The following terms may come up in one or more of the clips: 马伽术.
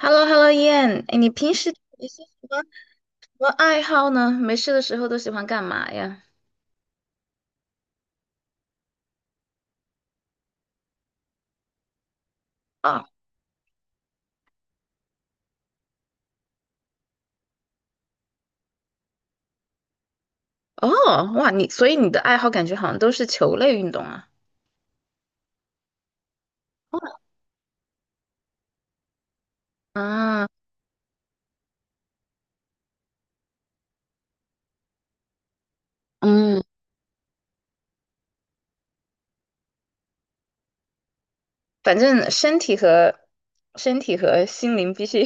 h e l l o h e l l o 燕，哎，你平时有些什么爱好呢？没事的时候都喜欢干嘛呀？啊，哦，哇，所以你的爱好感觉好像都是球类运动啊？啊，嗯，反正身体和心灵必须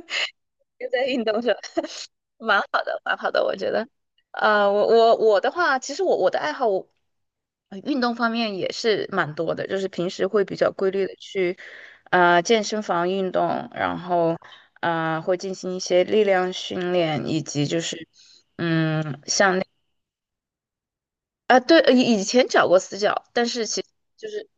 都在运动是吧？蛮好的，蛮好的，我觉得。我的话，其实我的爱好，运动方面也是蛮多的，就是平时会比较规律的去，健身房运动，然后，会进行一些力量训练，以及就是，啊，对，以前找过私教，但是其实就是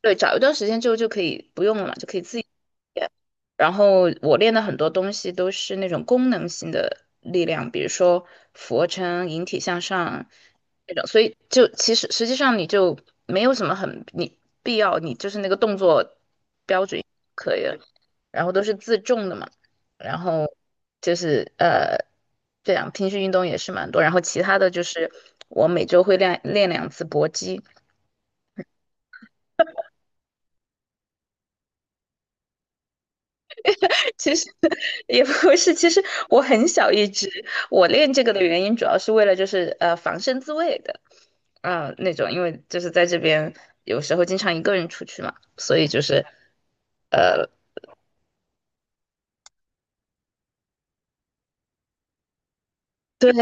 对，找一段时间之后就可以不用了嘛，就可以自己练。然后我练的很多东西都是那种功能性的力量，比如说俯卧撑、引体向上那种，所以就其实实际上你就没有什么很你必要，你就是那个动作标准可以了，然后都是自重的嘛。然后就是这样平时运动也是蛮多，然后其他的就是我每周会练两次搏击，其实也不是，其实我很小一只，我练这个的原因主要是为了就是防身自卫的，嗯、那种，因为就是在这边有时候经常一个人出去嘛，所以就是呃 对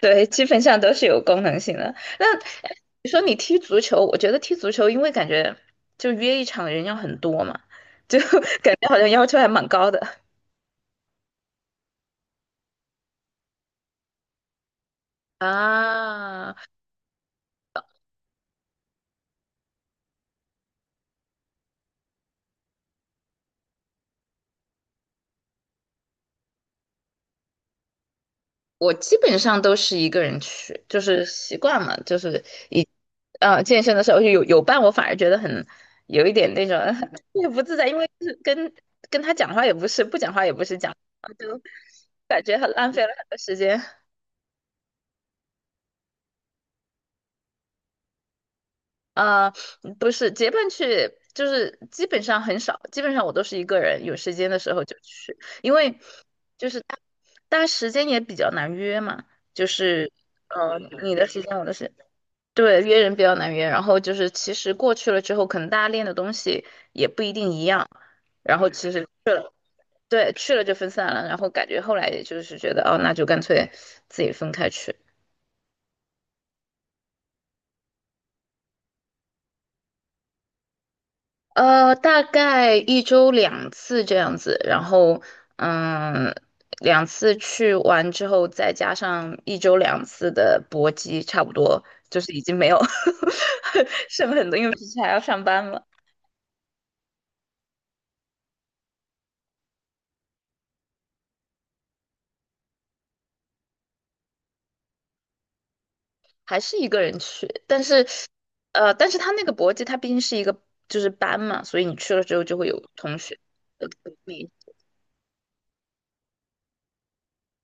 对，基本上都是有功能性的。那哎你说你踢足球，我觉得踢足球，因为感觉就约一场人要很多嘛，就 感觉好像要求还蛮高的啊。我基本上都是一个人去，就是习惯嘛，就是一健身的时候有伴，我反而觉得很有一点那种 也不自在，因为就是跟他讲话也不是，不讲话也不是讲，就感觉很浪费了很多时间。呃，不是结伴去，就是基本上很少，基本上我都是一个人，有时间的时候就去，因为就是大家时间也比较难约嘛，就是你的时间我的时间，对，约人比较难约，然后就是其实过去了之后，可能大家练的东西也不一定一样，然后其实对去了就分散了，然后感觉后来也就是觉得哦，那就干脆自己分开去。大概一周两次这样子，然后嗯，两次去完之后，再加上一周两次的搏击，差不多就是已经没有 剩很多，因为平时还要上班嘛，还是一个人去。但是他那个搏击，他毕竟是一个就是班嘛，所以你去了之后就会有同学。呃，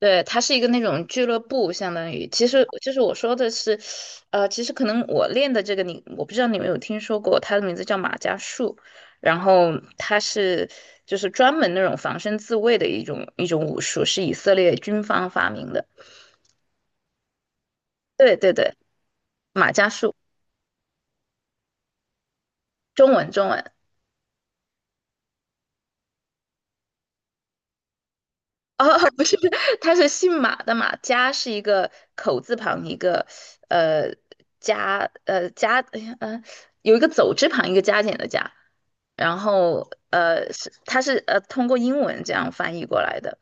对，它是一个那种俱乐部，相当于，其实就是我说的是，其实可能我练的这个你，我不知道你们有听说过，它的名字叫马伽术，然后它是就是专门那种防身自卫的一种武术，是以色列军方发明的。对对对，马伽术，中文中文。哦，不是，他是姓马的马，加是一个口字旁，一个呃加加，哎呀有一个走之旁，一个加减的加，然后他是通过英文这样翻译过来的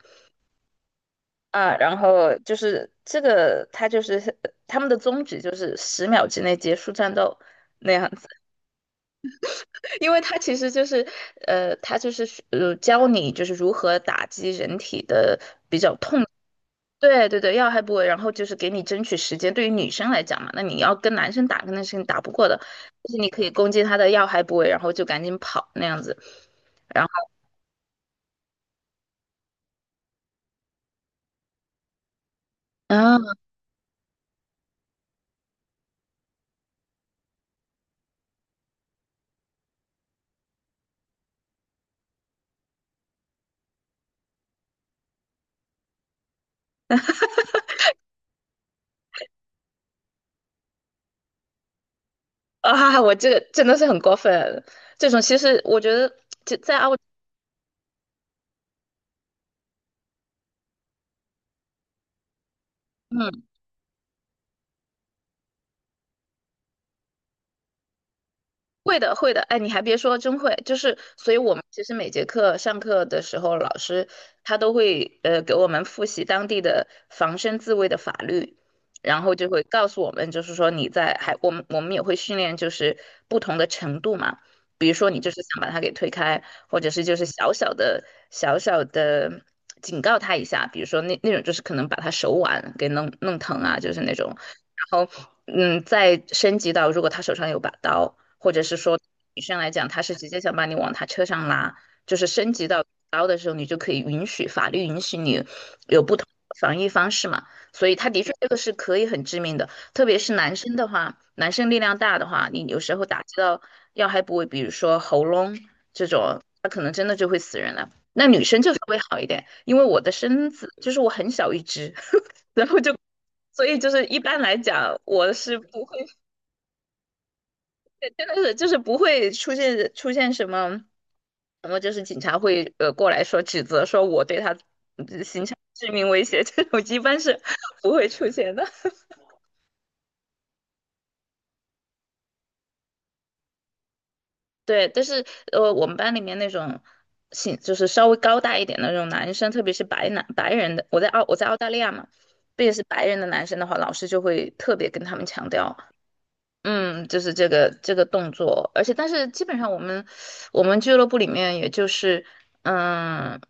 啊，然后就是这个他就是他们的宗旨就是10秒之内结束战斗那样子，因为他其实就是教你就是如何打击人体的。比较痛。对对对，要害部位，然后就是给你争取时间。对于女生来讲嘛，那你要跟男生打，肯定是你打不过的，就是你可以攻击他的要害部位，然后就赶紧跑那样子。然后啊啊，我这个真的是很过分，这种其实我觉得就在澳，嗯。会的，会的，哎，你还别说，真会，就是，所以我们其实每节课上课的时候，老师他都会给我们复习当地的防身自卫的法律，然后就会告诉我们，就是说还我们也会训练就是不同的程度嘛，比如说你就是想把他给推开，或者是就是小小的警告他一下，比如说那种就是可能把他手腕给弄疼啊，就是那种。然后，再升级到如果他手上有把刀，或者是说女生来讲，她是直接想把你往他车上拉，就是升级到刀的时候，你就可以允许法律允许你有不同的防御方式嘛。所以他的确这个是可以很致命的。特别是男生的话，男生力量大的话，你有时候打击到要害部位，比如说喉咙这种，他可能真的就会死人了。那女生就稍微好一点，因为我的身子就是我很小一只，然后就所以就是一般来讲，我是不会真的是就是不会出现什么什么，就是警察会过来说指责说我对他形成致命威胁这种，一般是不会出现的。对，但是我们班里面那种就是稍微高大一点的那种男生，特别是白人的，我在澳大利亚嘛，特别是白人的男生的话，老师就会特别跟他们强调，就是这个动作，而且但是基本上我们俱乐部里面也就是嗯，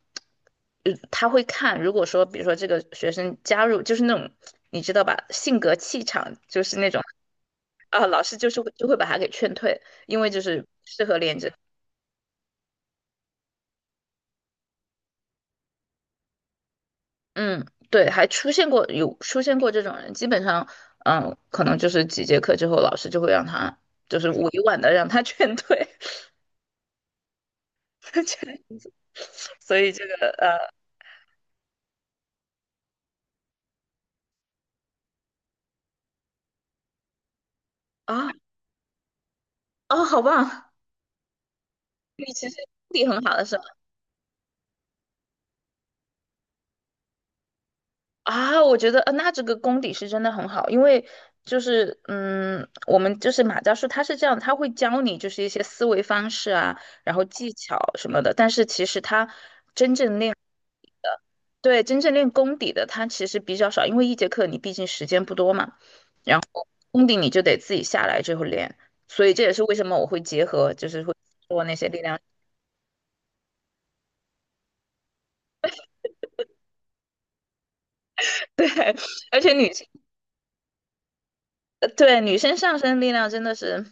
他会看，如果说比如说这个学生加入就是那种你知道吧，性格气场就是那种啊，老师就是会就会把他给劝退。因为就是适合练这。嗯，对，还出现过有出现过这种人，基本上，可能就是几节课之后，老师就会让他，就是委婉的让他劝退，这样子。所以啊啊，好棒！你其实功底很好的是吧？啊，我觉得那这个功底是真的很好，因为就是我们就是马教授他是这样，他会教你就是一些思维方式啊，然后技巧什么的，但是其实他真正练。对，真正练功底的它其实比较少，因为一节课你毕竟时间不多嘛，功底你就得自己下来之后练，所以这也是为什么我会结合，就是会做那些力量。对，而且女生，对，女生上身力量真的是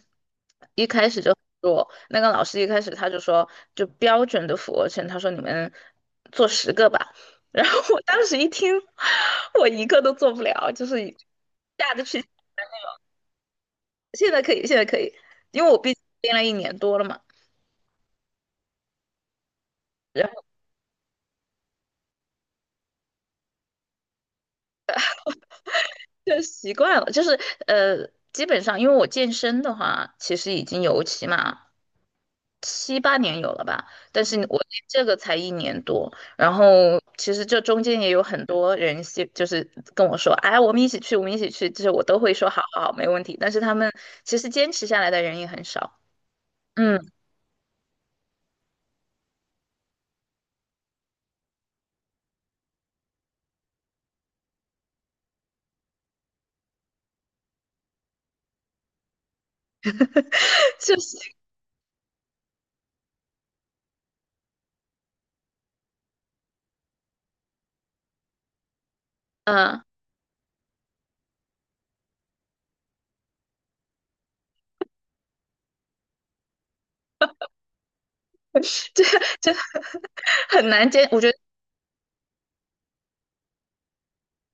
一开始就很弱。那个老师一开始他就说，就标准的俯卧撑，他说你们做10个吧。然后我当时一听，我一个都做不了，就是下得去。现在可以，现在可以，因为我毕竟练了一年多了嘛。就习惯了，就是呃，基本上因为我健身的话，其实已经有起码7、8年有了吧，但是我练这个才一年多，然后其实这中间也有很多人就是跟我说，哎，我们一起去，我们一起去，就是我都会说好好好没问题，但是他们其实坚持下来的人也很少，嗯，就是嗯。这这很难坚，我觉得。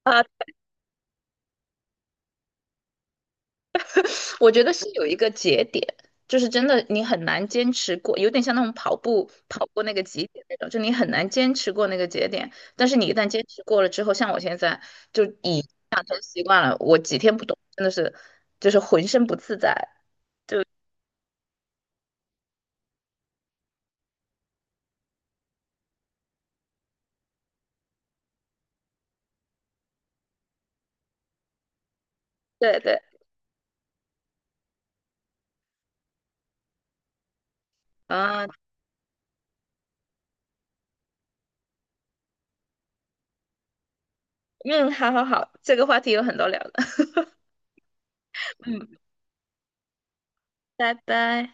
啊。我觉得是有一个节点，就是真的你很难坚持过，有点像那种跑步跑过那个节点那种，就你很难坚持过那个节点。但是你一旦坚持过了之后，像我现在就已养成习惯了，我几天不动真的是就是浑身不自在。就对对啊，嗯，好好好，这个话题有很多聊的，嗯，拜拜。